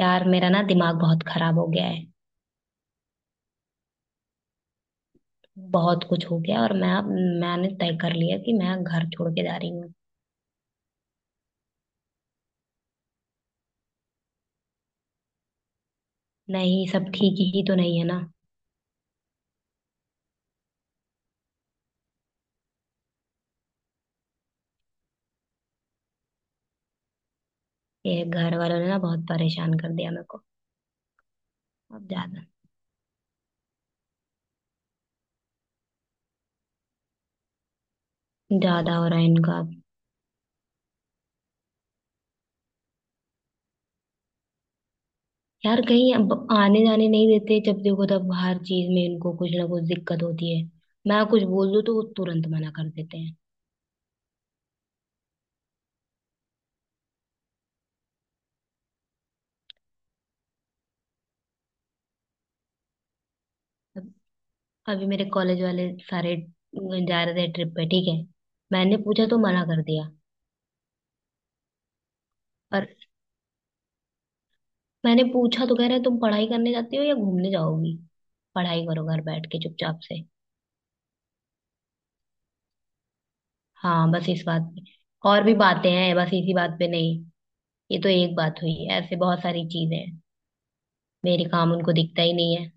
यार मेरा ना दिमाग बहुत खराब हो गया है। बहुत कुछ हो गया और मैंने तय कर लिया कि मैं घर छोड़ के जा रही हूँ। नहीं, सब ठीक ही तो नहीं है ना। ये घर वालों ने ना बहुत परेशान कर दिया मेरे को। अब ज्यादा ज्यादा हो रहा है इनका अब। यार कहीं अब आने जाने नहीं देते, जब देखो तब हर चीज में इनको कुछ ना कुछ दिक्कत होती है। मैं कुछ बोल दूँ तो वो तुरंत मना कर देते हैं। अब अभी मेरे कॉलेज वाले सारे जा रहे थे ट्रिप पे, ठीक है। मैंने पूछा तो मना कर दिया। और मैंने पूछा तो कह रहे तुम पढ़ाई करने जाती हो या घूमने जाओगी। पढ़ाई करो घर बैठ के चुपचाप से। हाँ, बस इस बात पे। और भी बातें हैं, बस इसी बात पे नहीं। ये तो एक बात हुई, ऐसे बहुत सारी चीजें हैं। मेरे काम उनको दिखता ही नहीं है।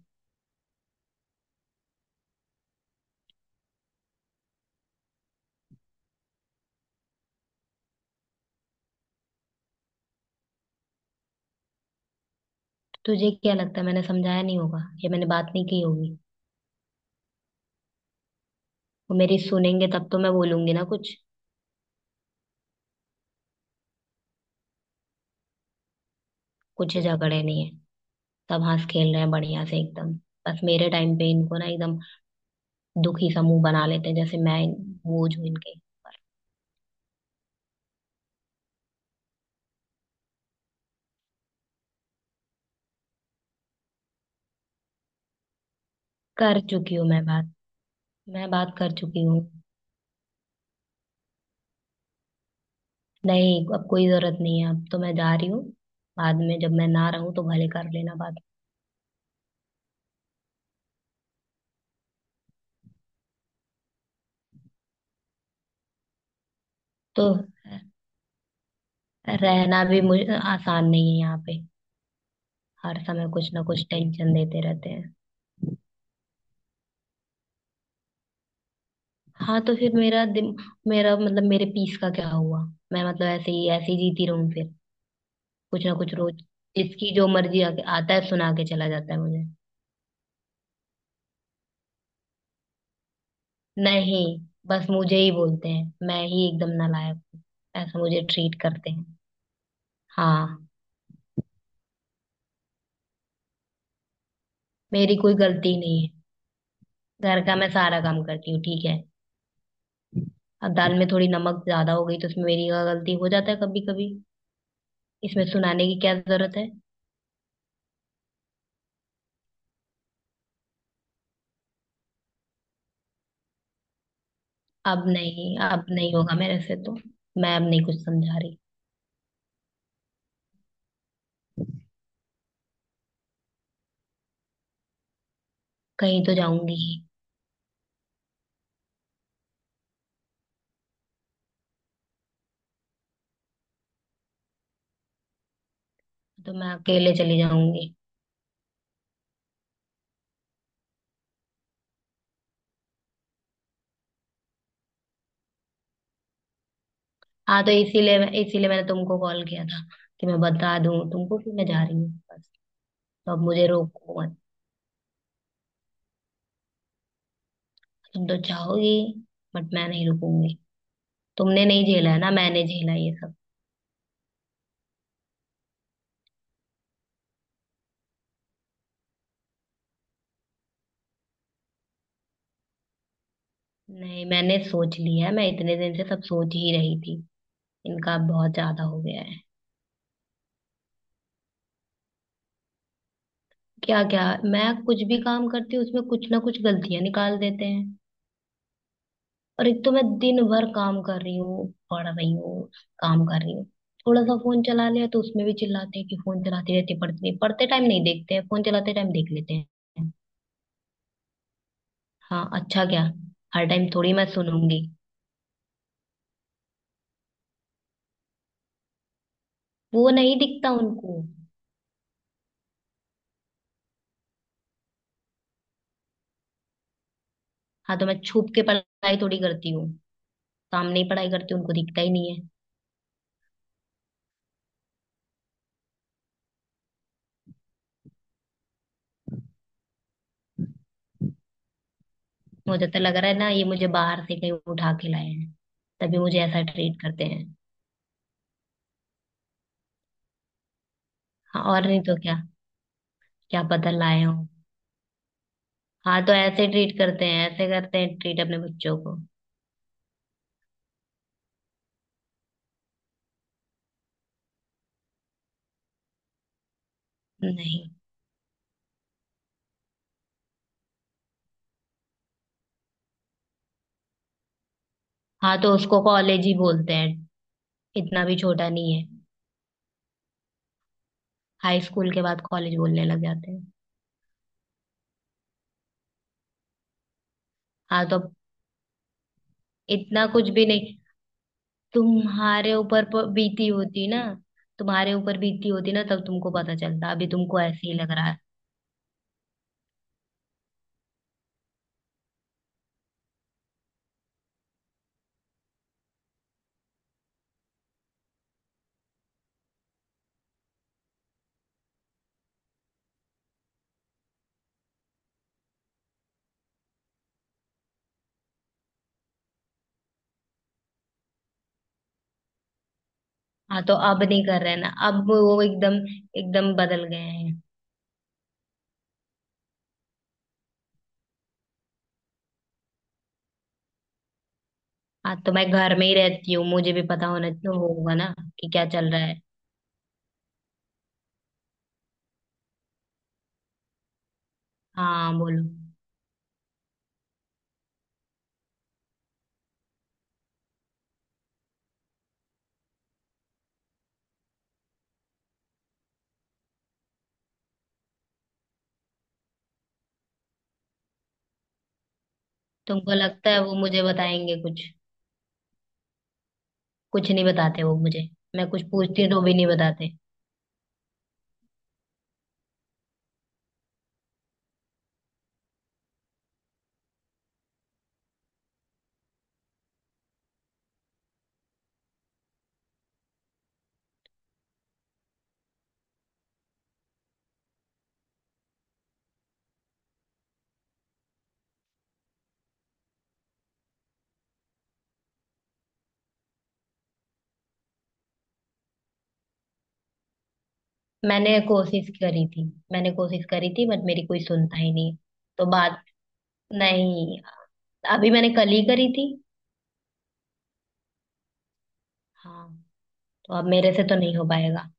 तो तुझे क्या लगता है मैंने समझाया नहीं होगा या मैंने बात नहीं की होगी। वो मेरी सुनेंगे तब तो मैं बोलूंगी ना कुछ। कुछ झगड़े नहीं है। सब हंस खेल रहे हैं बढ़िया से एकदम। बस मेरे टाइम पे इनको ना एकदम दुखी सा मुंह बना लेते हैं, जैसे मैं बोझ हूं इनके। कर चुकी हूँ मैं बात। मैं बात कर चुकी हूँ। नहीं, अब कोई जरूरत नहीं है, अब तो मैं जा रही हूँ। बाद में जब मैं ना रहूँ तो भले कर लेना बात। तो रहना भी मुझे आसान नहीं है यहाँ पे। हर समय कुछ ना कुछ टेंशन देते रहते हैं। हाँ तो फिर मेरा मतलब मेरे पीस का क्या हुआ। मैं मतलब ऐसे ही जीती रहूँ फिर। कुछ ना कुछ रोज, जिसकी जो मर्जी आके आता है सुना के चला जाता है मुझे। नहीं, बस मुझे ही बोलते हैं, मैं ही एकदम नालायक हूँ। ऐसा मुझे ट्रीट करते हैं। हाँ। मेरी कोई गलती नहीं है। घर का मैं सारा काम करती हूँ, ठीक है। अब दाल में थोड़ी नमक ज्यादा हो गई तो उसमें मेरी गलती हो जाता है कभी कभी। इसमें सुनाने की क्या जरूरत है। अब नहीं, अब नहीं होगा मेरे से तो। मैं अब नहीं कुछ समझा रही। कहीं तो जाऊंगी ही। तो मैं अकेले चली जाऊंगी। हाँ, तो इसीलिए इसीलिए मैंने तुमको कॉल किया था कि मैं बता दूं तुमको कि मैं जा रही हूँ बस। तो अब मुझे रोको मत। तुम तो चाहोगी, बट मैं नहीं रुकूंगी। तुमने नहीं झेला है ना, मैंने झेला ये सब। नहीं, मैंने सोच लिया है, मैं इतने दिन से सब सोच ही रही थी। इनका बहुत ज्यादा हो गया है। क्या क्या। मैं कुछ भी काम करती हूँ उसमें कुछ ना कुछ गलतियां निकाल देते हैं। और एक तो मैं दिन भर काम कर रही हूँ, पढ़ रही हूँ, काम कर रही हूँ। थोड़ा सा फोन चला लिया तो उसमें भी चिल्लाते हैं कि फोन चलाते रहते हैं, पढ़ते नहीं, पढ़ते टाइम नहीं देखते हैं, फोन चलाते टाइम देख लेते हैं। हाँ अच्छा क्या। हर टाइम थोड़ी मैं सुनूंगी। वो नहीं दिखता उनको। हाँ तो मैं छुप के पढ़ाई थोड़ी करती हूँ। सामने ही पढ़ाई करती हूँ, उनको दिखता ही नहीं है। मुझे तो लग रहा है ना ये मुझे बाहर से कहीं उठा के लाए हैं। तभी मुझे ऐसा ट्रीट करते हैं। हाँ, और नहीं तो क्या। क्या पता लाए हो। हाँ तो ऐसे ट्रीट करते हैं, ऐसे करते हैं ट्रीट अपने बच्चों को। नहीं। हाँ, तो उसको कॉलेज ही बोलते हैं। इतना भी छोटा नहीं है। हाई स्कूल के बाद कॉलेज बोलने लग जाते हैं। हाँ तो अब। इतना कुछ भी नहीं। तुम्हारे ऊपर बीती होती ना। तुम्हारे ऊपर बीती होती ना तब तुमको पता चलता, अभी तुमको ऐसे ही लग रहा है। हाँ तो अब नहीं कर रहे ना, अब वो एकदम एकदम बदल गए हैं। हाँ तो मैं घर में ही रहती हूँ, मुझे भी पता होना तो होगा ना कि क्या चल रहा है। हाँ, बोलो। तुमको लगता है वो मुझे बताएंगे कुछ। कुछ नहीं बताते वो मुझे। मैं कुछ पूछती हूँ तो भी नहीं बताते। मैंने कोशिश करी थी। मैंने कोशिश करी थी बट मेरी कोई सुनता ही नहीं। तो बात नहीं, अभी मैंने कल ही करी थी। हाँ, तो अब मेरे से तो नहीं हो पाएगा।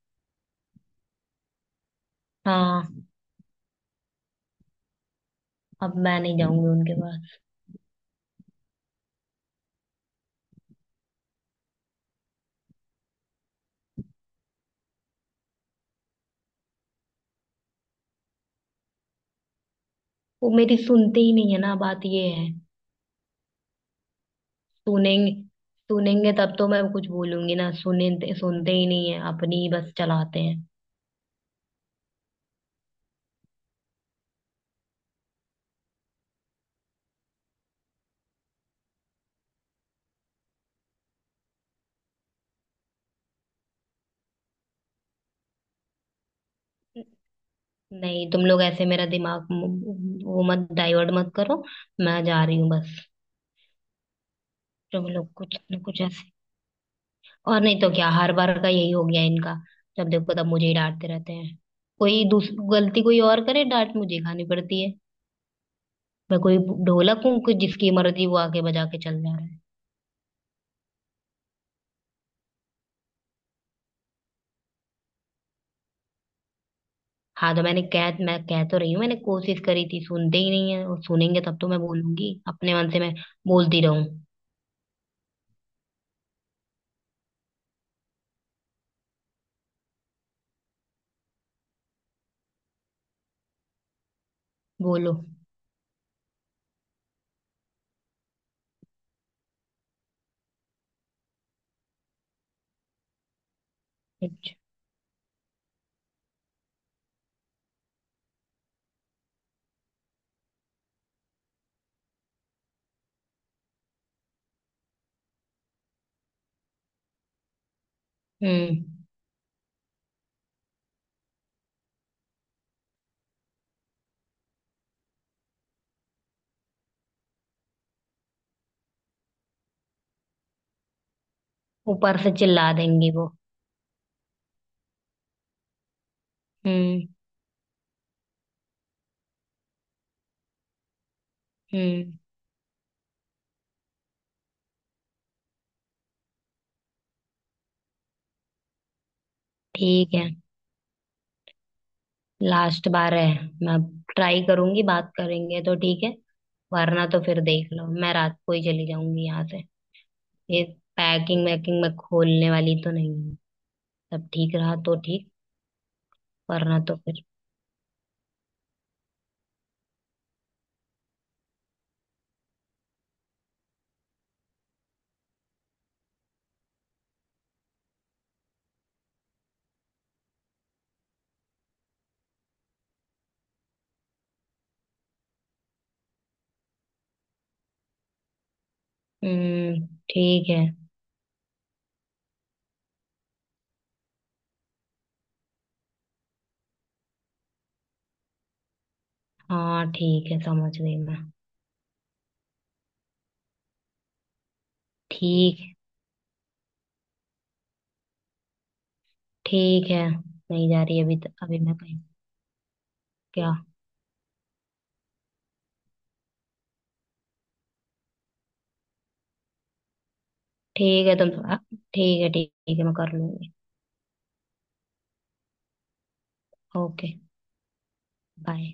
हाँ, अब मैं नहीं जाऊंगी उनके पास। वो मेरी सुनते ही नहीं है ना, बात ये है। सुनेंगे सुनेंगे तब तो मैं कुछ बोलूंगी ना, सुने। सुनते ही नहीं है, अपनी ही बस चलाते हैं। नहीं, तुम लोग ऐसे मेरा दिमाग म- वो मत डाइवर्ट मत करो। मैं जा रही हूँ बस। तुम लोग कुछ न कुछ ऐसे। और नहीं तो क्या, हर बार का यही हो गया इनका। जब देखो तब मुझे ही डांटते रहते हैं। कोई दूस गलती कोई और करे, डांट मुझे खानी पड़ती है। मैं कोई ढोलक हूँ कि जिसकी मर्जी वो आके बजा के चल जा रहा है। हाँ तो मैं कह तो रही हूँ, मैंने कोशिश करी थी, सुनते ही नहीं है, और सुनेंगे तब तो मैं बोलूंगी अपने मन से, मैं बोलती रहूं। बोलो। अच्छा। हम्म। ऊपर से चिल्ला देंगी वो। हम्म। हम्म। ठीक है। लास्ट बार है। मैं ट्राई करूंगी, बात करेंगे तो ठीक है। वरना तो फिर देख लो, मैं रात को ही चली जाऊंगी यहाँ से। ये पैकिंग वैकिंग मैं खोलने वाली तो नहीं हूँ। सब ठीक रहा तो ठीक। वरना तो फिर। हम्म। ठीक है। हाँ ठीक है, समझ गई मैं। ठीक है। ठीक है, नहीं जा रही अभी, तो अभी मैं कहीं। क्या। ठीक है, तुम थोड़ा। ठीक है, ठीक है, मैं कर लूंगी। ओके। बाय।